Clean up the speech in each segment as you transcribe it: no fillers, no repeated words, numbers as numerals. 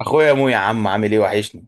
اخويا مو، يا عم، عامل ايه؟ وحشني.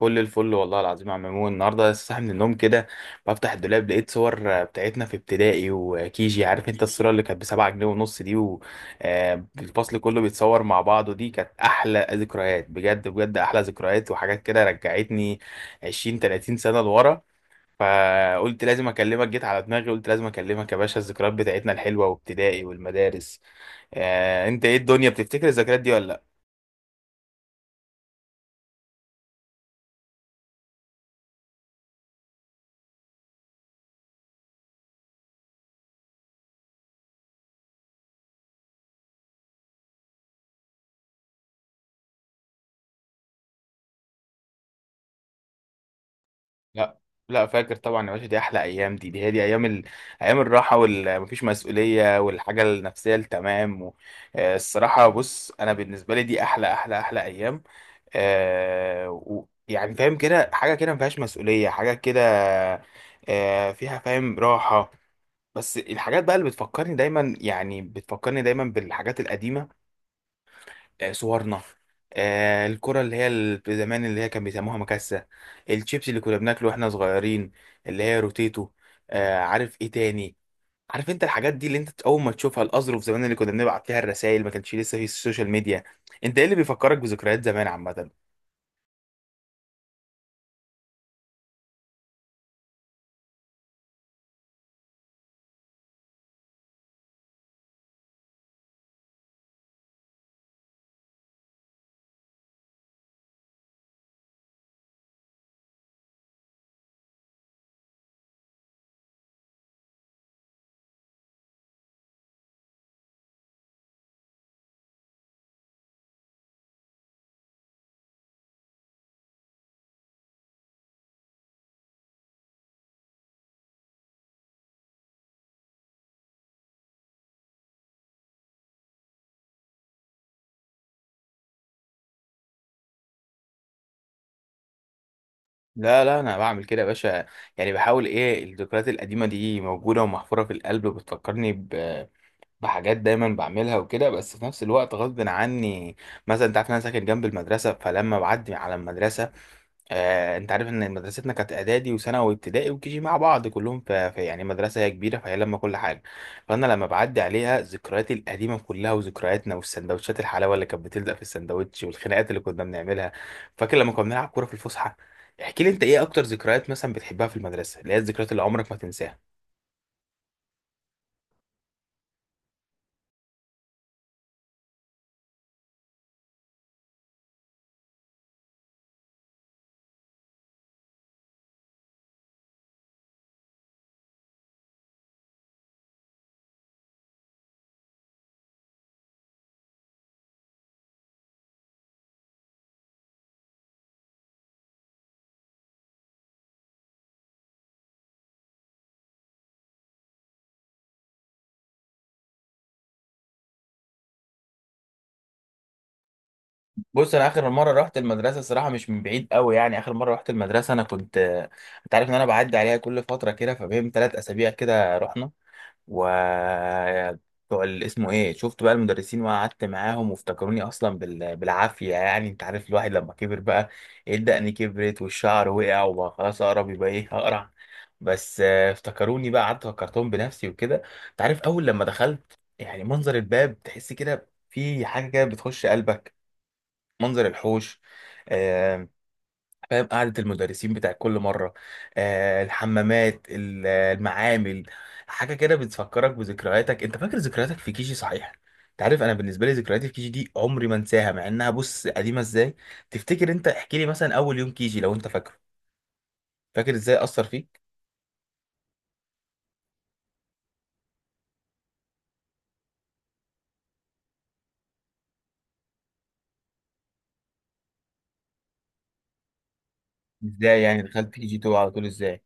فل الفل والله العظيم يا عم مو. النهارده لسه صاحي من النوم كده، بفتح الدولاب لقيت صور بتاعتنا في ابتدائي وكيجي. عارف انت الصوره اللي كانت بسبعة جنيه ونص دي، والفصل كله بيتصور مع بعضه. دي كانت احلى ذكريات، بجد بجد، احلى ذكريات، وحاجات كده رجعتني 20 30 سنه لورا. فقلت لازم اكلمك، جيت على دماغي قلت لازم اكلمك يا باشا. الذكريات بتاعتنا الحلوه، وابتدائي والمدارس. انت ايه الدنيا؟ بتفتكر الذكريات دي ولا؟ لا، لا، فاكر طبعا يا باشا، دي احلى ايام، دي هي دي ايام ايام الراحه، والمفيش مسؤوليه، والحاجه النفسيه التمام، الصراحه، بص، انا بالنسبه لي دي احلى احلى احلى ايام. يعني فاهم كده؟ حاجه كده مفيهاش مسؤوليه، حاجه كده. فيها، فاهم؟ راحه. بس الحاجات بقى اللي بتفكرني دايما، يعني بتفكرني دايما بالحاجات القديمه. صورنا. الكرة اللي هي زمان، اللي هي كان بيسموها مكاسة. الشيبس اللي كنا بناكله واحنا صغيرين، اللي هي روتيتو. عارف ايه تاني؟ عارف انت الحاجات دي اللي انت اول ما تشوفها؟ الاظرف زمان اللي كنا بنبعت فيها الرسائل، ما كانش لسه في السوشيال ميديا. انت ايه اللي بيفكرك بذكريات زمان عامة؟ لا، لا، انا بعمل كده يا باشا. يعني بحاول، ايه، الذكريات القديمة دي موجودة ومحفورة في القلب، بتفكرني بحاجات دايما بعملها وكده، بس في نفس الوقت غصب عني. مثلا انت عارف ان انا ساكن جنب المدرسه، فلما بعدي على المدرسه، انت عارف ان مدرستنا كانت اعدادي وثانوي وابتدائي وكيجي مع بعض، كلهم في يعني مدرسه هي كبيره، فهي لما كل حاجه. فانا لما بعدي عليها ذكرياتي القديمه كلها وذكرياتنا، والسندوتشات، الحلاوه اللي كانت بتلزق في السندوتش، والخناقات اللي كنا بنعملها. فاكر لما كنا بنلعب كوره في الفسحه. احكي لي، انت ايه اكتر ذكريات مثلا بتحبها في المدرسه، اللي هي الذكريات اللي عمرك ما تنساها؟ بص، انا اخر مره رحت المدرسه الصراحه مش من بعيد قوي، يعني اخر مره رحت المدرسه انا كنت، انت عارف ان انا بعدي عليها كل فتره كده، فبين 3 اسابيع كده رحنا، و بتوع اسمه ايه، شفت بقى المدرسين وقعدت معاهم وافتكروني اصلا بالعافيه. يعني انت عارف الواحد لما كبر بقى، إيه، الدقن كبرت والشعر وقع وبقى خلاص اقرب يبقى ايه اقرع. بس افتكروني بقى، قعدت فكرتهم بنفسي وكده. انت عارف؟ اول لما دخلت، يعني منظر الباب، تحس كده في حاجه كده بتخش قلبك، منظر الحوش. آه، فاهم؟ قعدة المدرسين بتاع كل مرة. الحمامات المعامل. حاجة كده بتفكرك بذكرياتك. انت فاكر ذكرياتك في كيجي صحيح؟ انت عارف، انا بالنسبة لي ذكرياتي في كيجي دي عمري ما انساها، مع انها، بص، قديمة ازاي. تفتكر انت؟ احكي لي مثلا اول يوم كيجي لو انت فاكره، فاكر ازاي اثر فيك؟ ازاي يعني دخلت كيجي 2 على طول؟ ازاي؟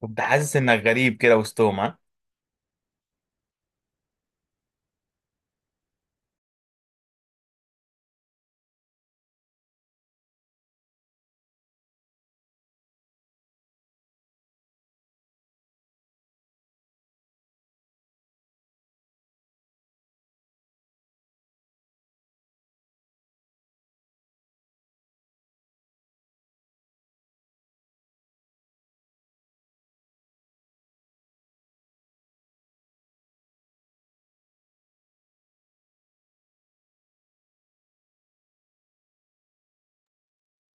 كنت حاسس انك غريب كده وسطهم، ها؟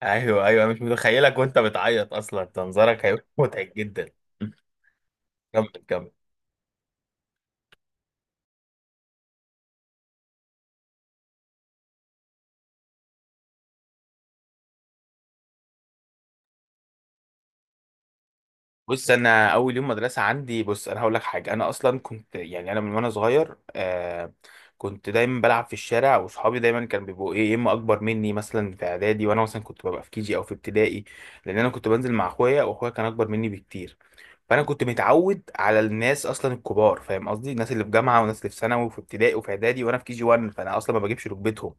ايوه، ايوه، مش متخيلك وانت بتعيط، اصلا ده منظرك هيبقى متعب جدا. كمل، كمل. بص، انا اول يوم مدرسه عندي، بص انا هقول لك حاجه، انا اصلا كنت، يعني انا من وانا صغير، كنت دايما بلعب في الشارع، واصحابي دايما كانوا بيبقوا، ايه، يا اما اكبر مني مثلا في اعدادي وانا مثلا كنت ببقى في كيجي او في ابتدائي. لان انا كنت بنزل مع اخويا، واخويا كان اكبر مني بكتير. فانا كنت متعود على الناس اصلا الكبار، فاهم قصدي؟ الناس اللي في جامعه، والناس اللي في ثانوي وفي ابتدائي وفي اعدادي وانا في كيجي 1، فانا اصلا ما بجيبش ركبتهم.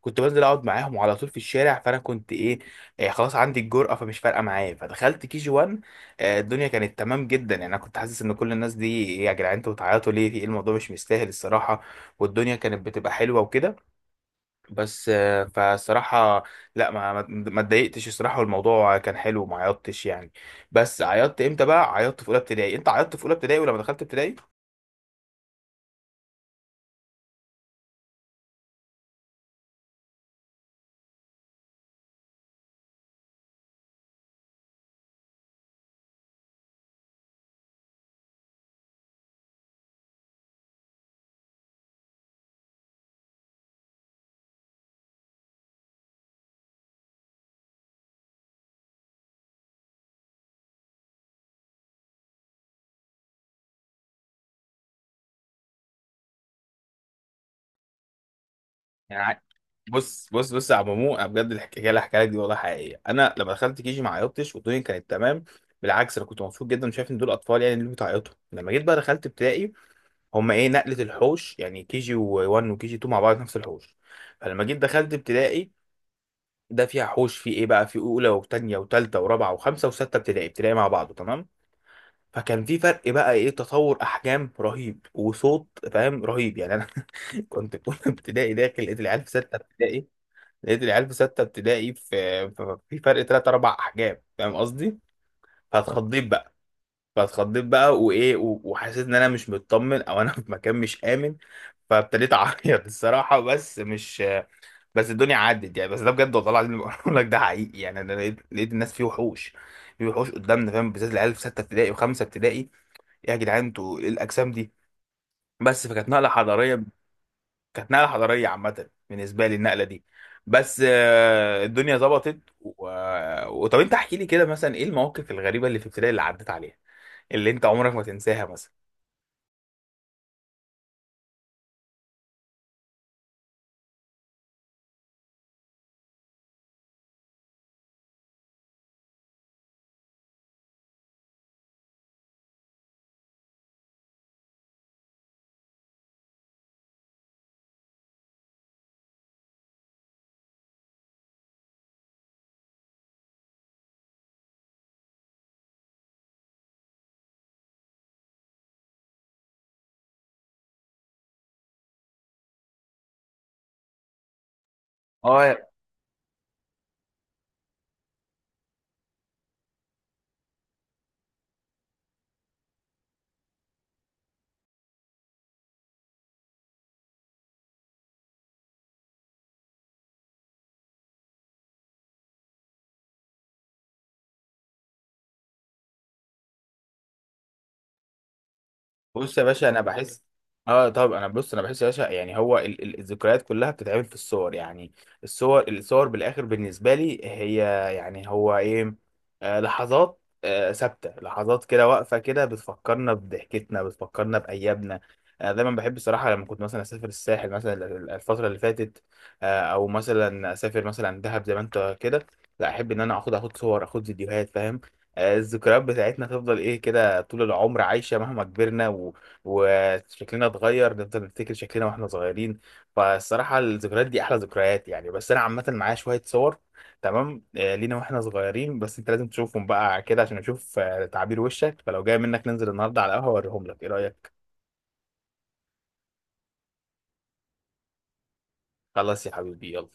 كنت بنزل اقعد معاهم على طول في الشارع، فانا كنت، ايه، خلاص، عندي الجرأة، فمش فارقة معايا، فدخلت كي جي 1. الدنيا كانت تمام جدا، يعني انا كنت حاسس ان كل الناس دي، إيه يا جدعان، انتوا بتعيطوا ليه؟ في ايه؟ الموضوع مش مستاهل الصراحة. والدنيا كانت بتبقى حلوة وكده. بس فالصراحة، لا، ما اتضايقتش الصراحة، والموضوع كان حلو وما عيطتش يعني. بس عيطت امتى بقى؟ عيطت في اولى ابتدائي. انت عيطت في اولى ابتدائي ولما دخلت ابتدائي؟ بص، بص، بص، يا عم مو، أنا بجد الحكايه اللي هحكيها لك دي والله حقيقيه. انا لما دخلت كيجي ما عيطتش والدنيا كانت تمام. بالعكس، انا كنت مبسوط جدا وشايف ان دول اطفال يعني اللي بتعيطوا. لما جيت بقى دخلت ابتدائي، هم، ايه، نقله، الحوش يعني كيجي 1 وكيجي 2 مع بعض نفس الحوش. فلما جيت دخلت ابتدائي، ده فيها حوش في ايه بقى، في اولى وثانيه وثالثه ورابعه وخمسه وسته ابتدائي، ابتدائي مع بعضه تمام. فكان في فرق بقى، ايه، تطور احجام رهيب وصوت، فاهم؟ رهيب يعني انا، كنت في اولى ابتدائي، داخل لقيت العيال في سته ابتدائي. لقيت العيال في ستة ابتدائي، في فرق تلات أربع أحجام، فاهم قصدي؟ فاتخضيت بقى، فاتخضيت بقى، وإيه وحسيت إن أنا مش مطمن، أو أنا في مكان مش آمن. فابتديت أعيط الصراحة، بس مش بس الدنيا عدت يعني، بس ده بجد والله العظيم اللي بقول لك ده حقيقي، يعني أنا لقيت الناس فيه وحوش. فيه وحوش قدامنا، فاهم؟ بالذات العيال في ستة ابتدائي وخمسة ابتدائي، إيه يا جدعان، أنتوا إيه الأجسام دي؟ بس فكانت نقلة حضارية، كانت نقله حضاريه عامه بالنسبه لي النقله دي. بس الدنيا ظبطت و... آه، وطب انت احكي لي كده، مثلا ايه المواقف الغريبه اللي في ابتدائي اللي عدت عليها اللي انت عمرك ما تنساها مثلا؟ اه بص يا باشا انا بحس، اه طب انا، بص، انا بحس يا باشا، يعني هو الذكريات كلها بتتعمل في الصور يعني. الصور بالاخر بالنسبه لي هي، يعني هو ايه، لحظات ثابته، لحظات كده واقفه كده، بتفكرنا بضحكتنا، بتفكرنا بايامنا. انا دايما بحب الصراحه، لما كنت مثلا اسافر الساحل مثلا الفتره اللي فاتت، او مثلا اسافر مثلا دهب زي ما انت كده. لا، احب ان انا اخد صور، اخد فيديوهات، فاهم؟ الذكريات بتاعتنا تفضل، ايه، كده طول العمر عايشة مهما كبرنا وشكلنا اتغير، نفضل نفتكر شكلنا واحنا صغيرين. فالصراحة الذكريات دي أحلى ذكريات يعني، بس أنا عامة معايا شوية صور تمام لينا واحنا صغيرين، بس أنت لازم تشوفهم بقى كده، عشان أشوف تعابير وشك. فلو جاي منك ننزل النهاردة على القهوة أوريهم لك، إيه رأيك؟ خلاص يا حبيبي، يلا.